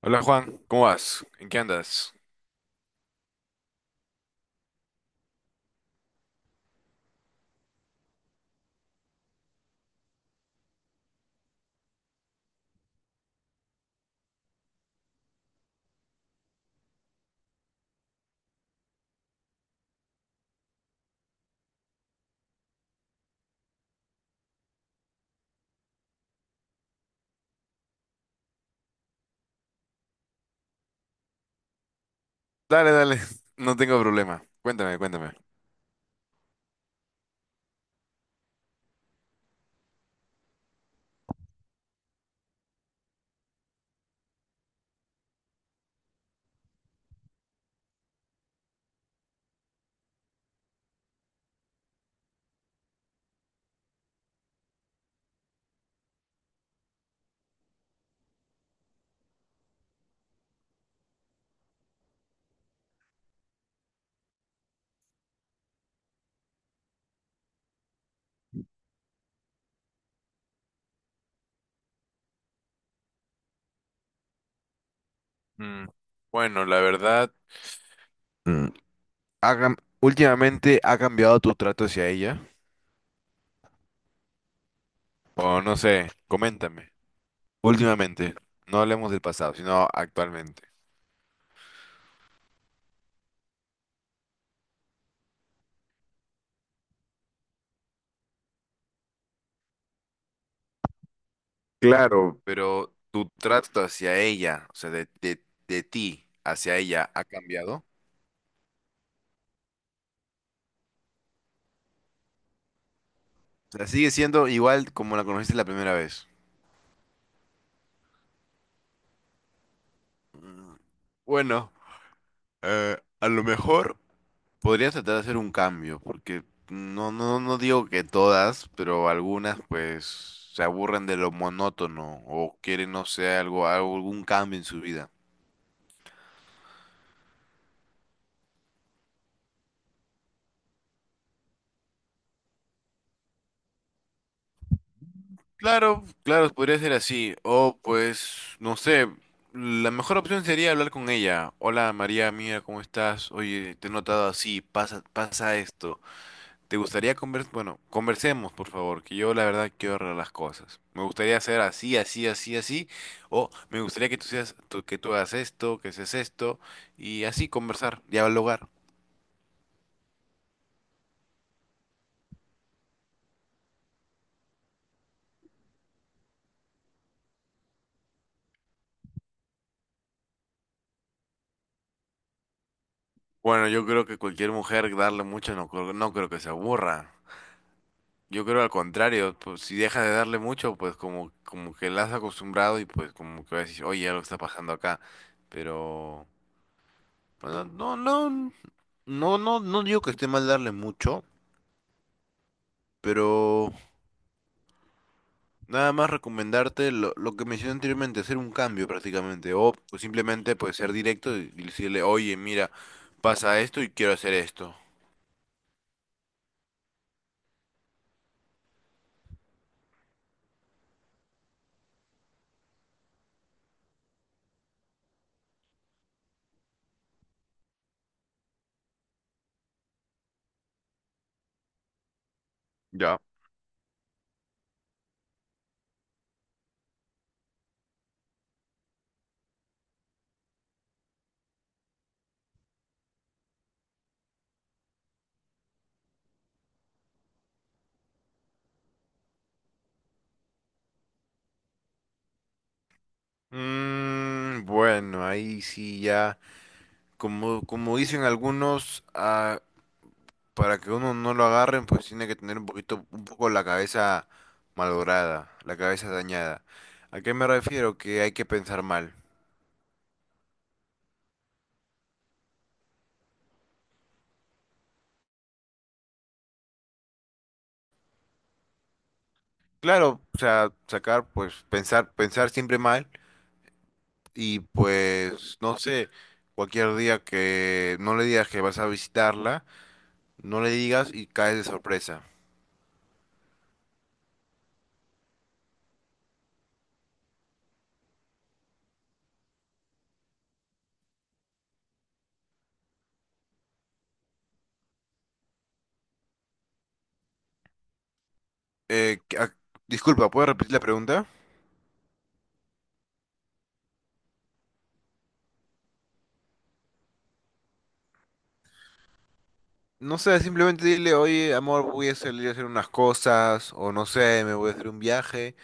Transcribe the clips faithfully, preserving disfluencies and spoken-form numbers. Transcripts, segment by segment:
Hola Juan, ¿cómo vas? ¿En qué andas? Dale, dale, no tengo problema. Cuéntame, cuéntame. Mm, Bueno, la verdad, mm, ha cam- últimamente ha cambiado tu trato hacia ella. O no sé, coméntame. Últimamente, no hablemos del pasado, sino actualmente. Claro, pero tu trato hacia ella, o sea, de, de, de ti hacia ella, ¿ha cambiado? O sea, sigue siendo igual como la conociste la primera vez. Bueno, eh, a lo mejor podría tratar de hacer un cambio, porque no, no, no digo que todas, pero algunas pues se aburren de lo monótono o quieren, no sé, algo, algo- algún cambio en su vida. Claro, claro, podría ser así. O pues, no sé, la mejor opción sería hablar con ella. Hola María, mira, ¿cómo estás? Oye, te he notado así, pasa, pasa esto. ¿Te gustaría conversar? Bueno, conversemos, por favor, que yo la verdad quiero arreglar las cosas. Me gustaría hacer así, así, así, así, o me gustaría que tú seas, tú- que tú hagas esto, que seas esto, y así conversar, dialogar. Bueno, yo creo que cualquier mujer darle mucho no, creo- no creo que se aburra. Yo creo al contrario, pues si deja de darle mucho, pues como, como que la has acostumbrado y pues como que va a decir, oye, algo está pasando acá. Pero, bueno, no, no, no, no, no digo que esté mal darle mucho, pero nada más recomendarte lo, lo que mencioné anteriormente, hacer un cambio prácticamente, o pues, simplemente pues ser directo y y decirle, oye, mira, pasa esto y quiero hacer esto. Ya. Mm, bueno, ahí sí ya, como, como dicen algunos, ah, para que uno no lo agarren, pues tiene que tener un poquito, un poco la cabeza malograda, la cabeza dañada. ¿A qué me refiero? Que hay que pensar mal. Claro, o sea, sacar, pues pensar, pensar siempre mal. Y pues, no sé, cualquier día que no le digas que vas a visitarla, no le digas y caes de sorpresa. Eh, que- ah, disculpa, ¿puedes repetir la pregunta? No sé, simplemente dile, oye, amor, voy a salir a hacer unas cosas, o no sé, me voy a hacer un viaje,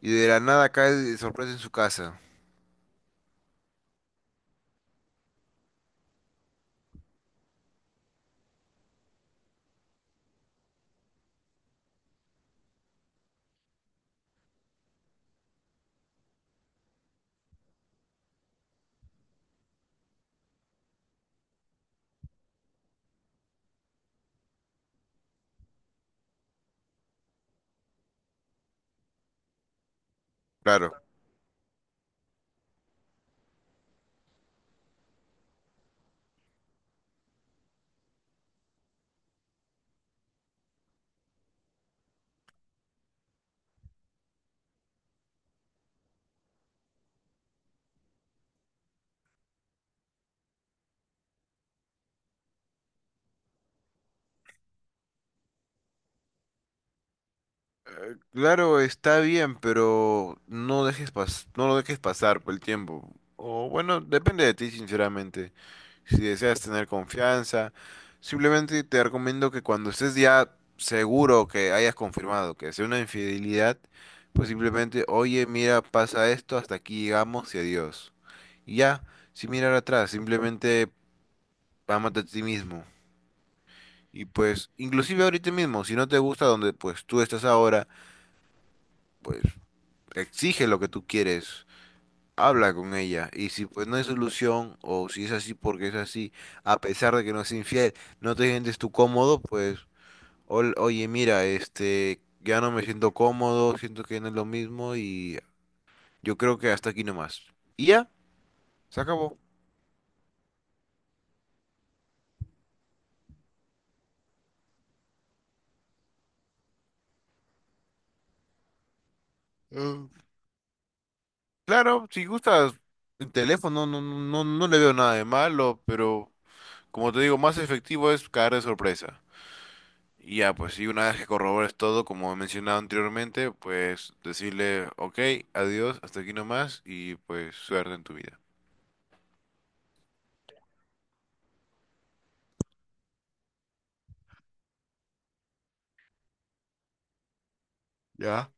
y de la nada caes de sorpresa en su casa. Claro, Claro, está bien, pero no dejes pas- no lo dejes pasar por el tiempo. O bueno, depende de ti, sinceramente, si deseas tener confianza. Simplemente te recomiendo que cuando estés ya seguro que hayas confirmado que sea una infidelidad, pues simplemente, oye, mira, pasa esto, hasta aquí llegamos y adiós. Y ya, sin mirar atrás, simplemente ámate a ti mismo. Y pues, inclusive ahorita mismo, si no te gusta donde pues tú estás ahora, pues exige lo que tú quieres. Habla con ella. Y si pues no hay solución, o si es así porque es así, a pesar de que no es infiel, no te sientes tú cómodo, pues, ol- oye, mira, este, ya no me siento cómodo, siento que no es lo mismo y yo creo que hasta aquí nomás. Y ya, se acabó. Eh, claro, si gustas el teléfono, no, no, no, no le veo nada de malo, pero como te digo, más efectivo es caer de sorpresa. Y ya, pues, y una vez que corrobores todo, como he mencionado anteriormente, pues decirle, ok, adiós, hasta aquí nomás, y pues suerte en tu vida. Ya.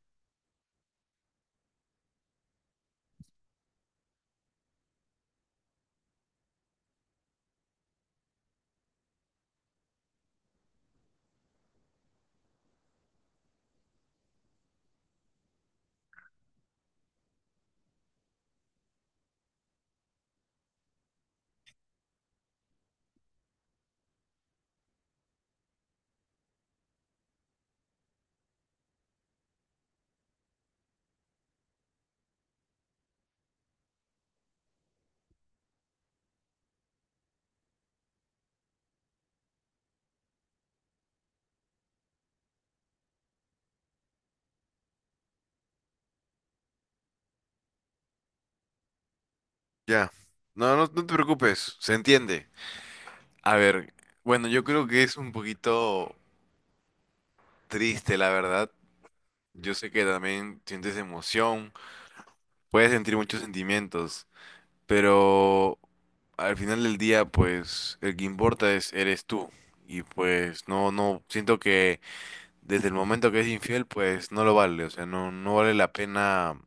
Ya. No, no, no te preocupes, se entiende. A ver, bueno, yo creo que es un poquito triste, la verdad. Yo sé que también sientes emoción, puedes sentir muchos sentimientos, pero al final del día, pues, el que importa es eres tú. Y pues no, no, siento que desde el momento que es infiel, pues no lo vale, o sea, no, no vale la pena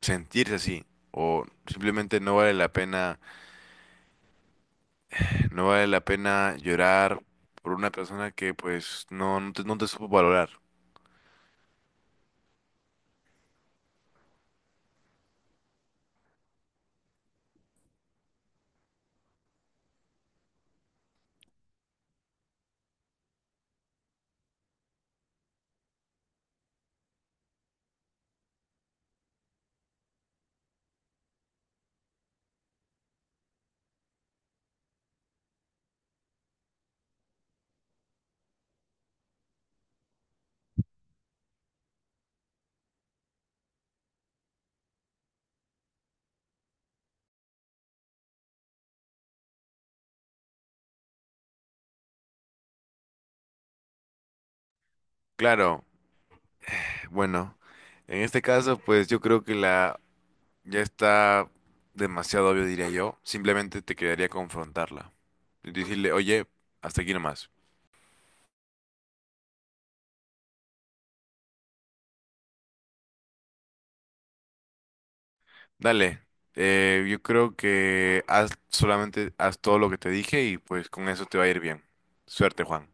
sentirse así, o simplemente no vale la pena, no vale la pena llorar por una persona que pues no, no te, no te supo valorar. Claro, bueno, en este caso, pues yo creo que la ya está demasiado obvio, diría yo, simplemente te quedaría confrontarla y decirle, oye, hasta aquí nomás. Dale, eh, yo creo que haz solamente haz todo lo que te dije y pues con eso te va a ir bien. Suerte, Juan.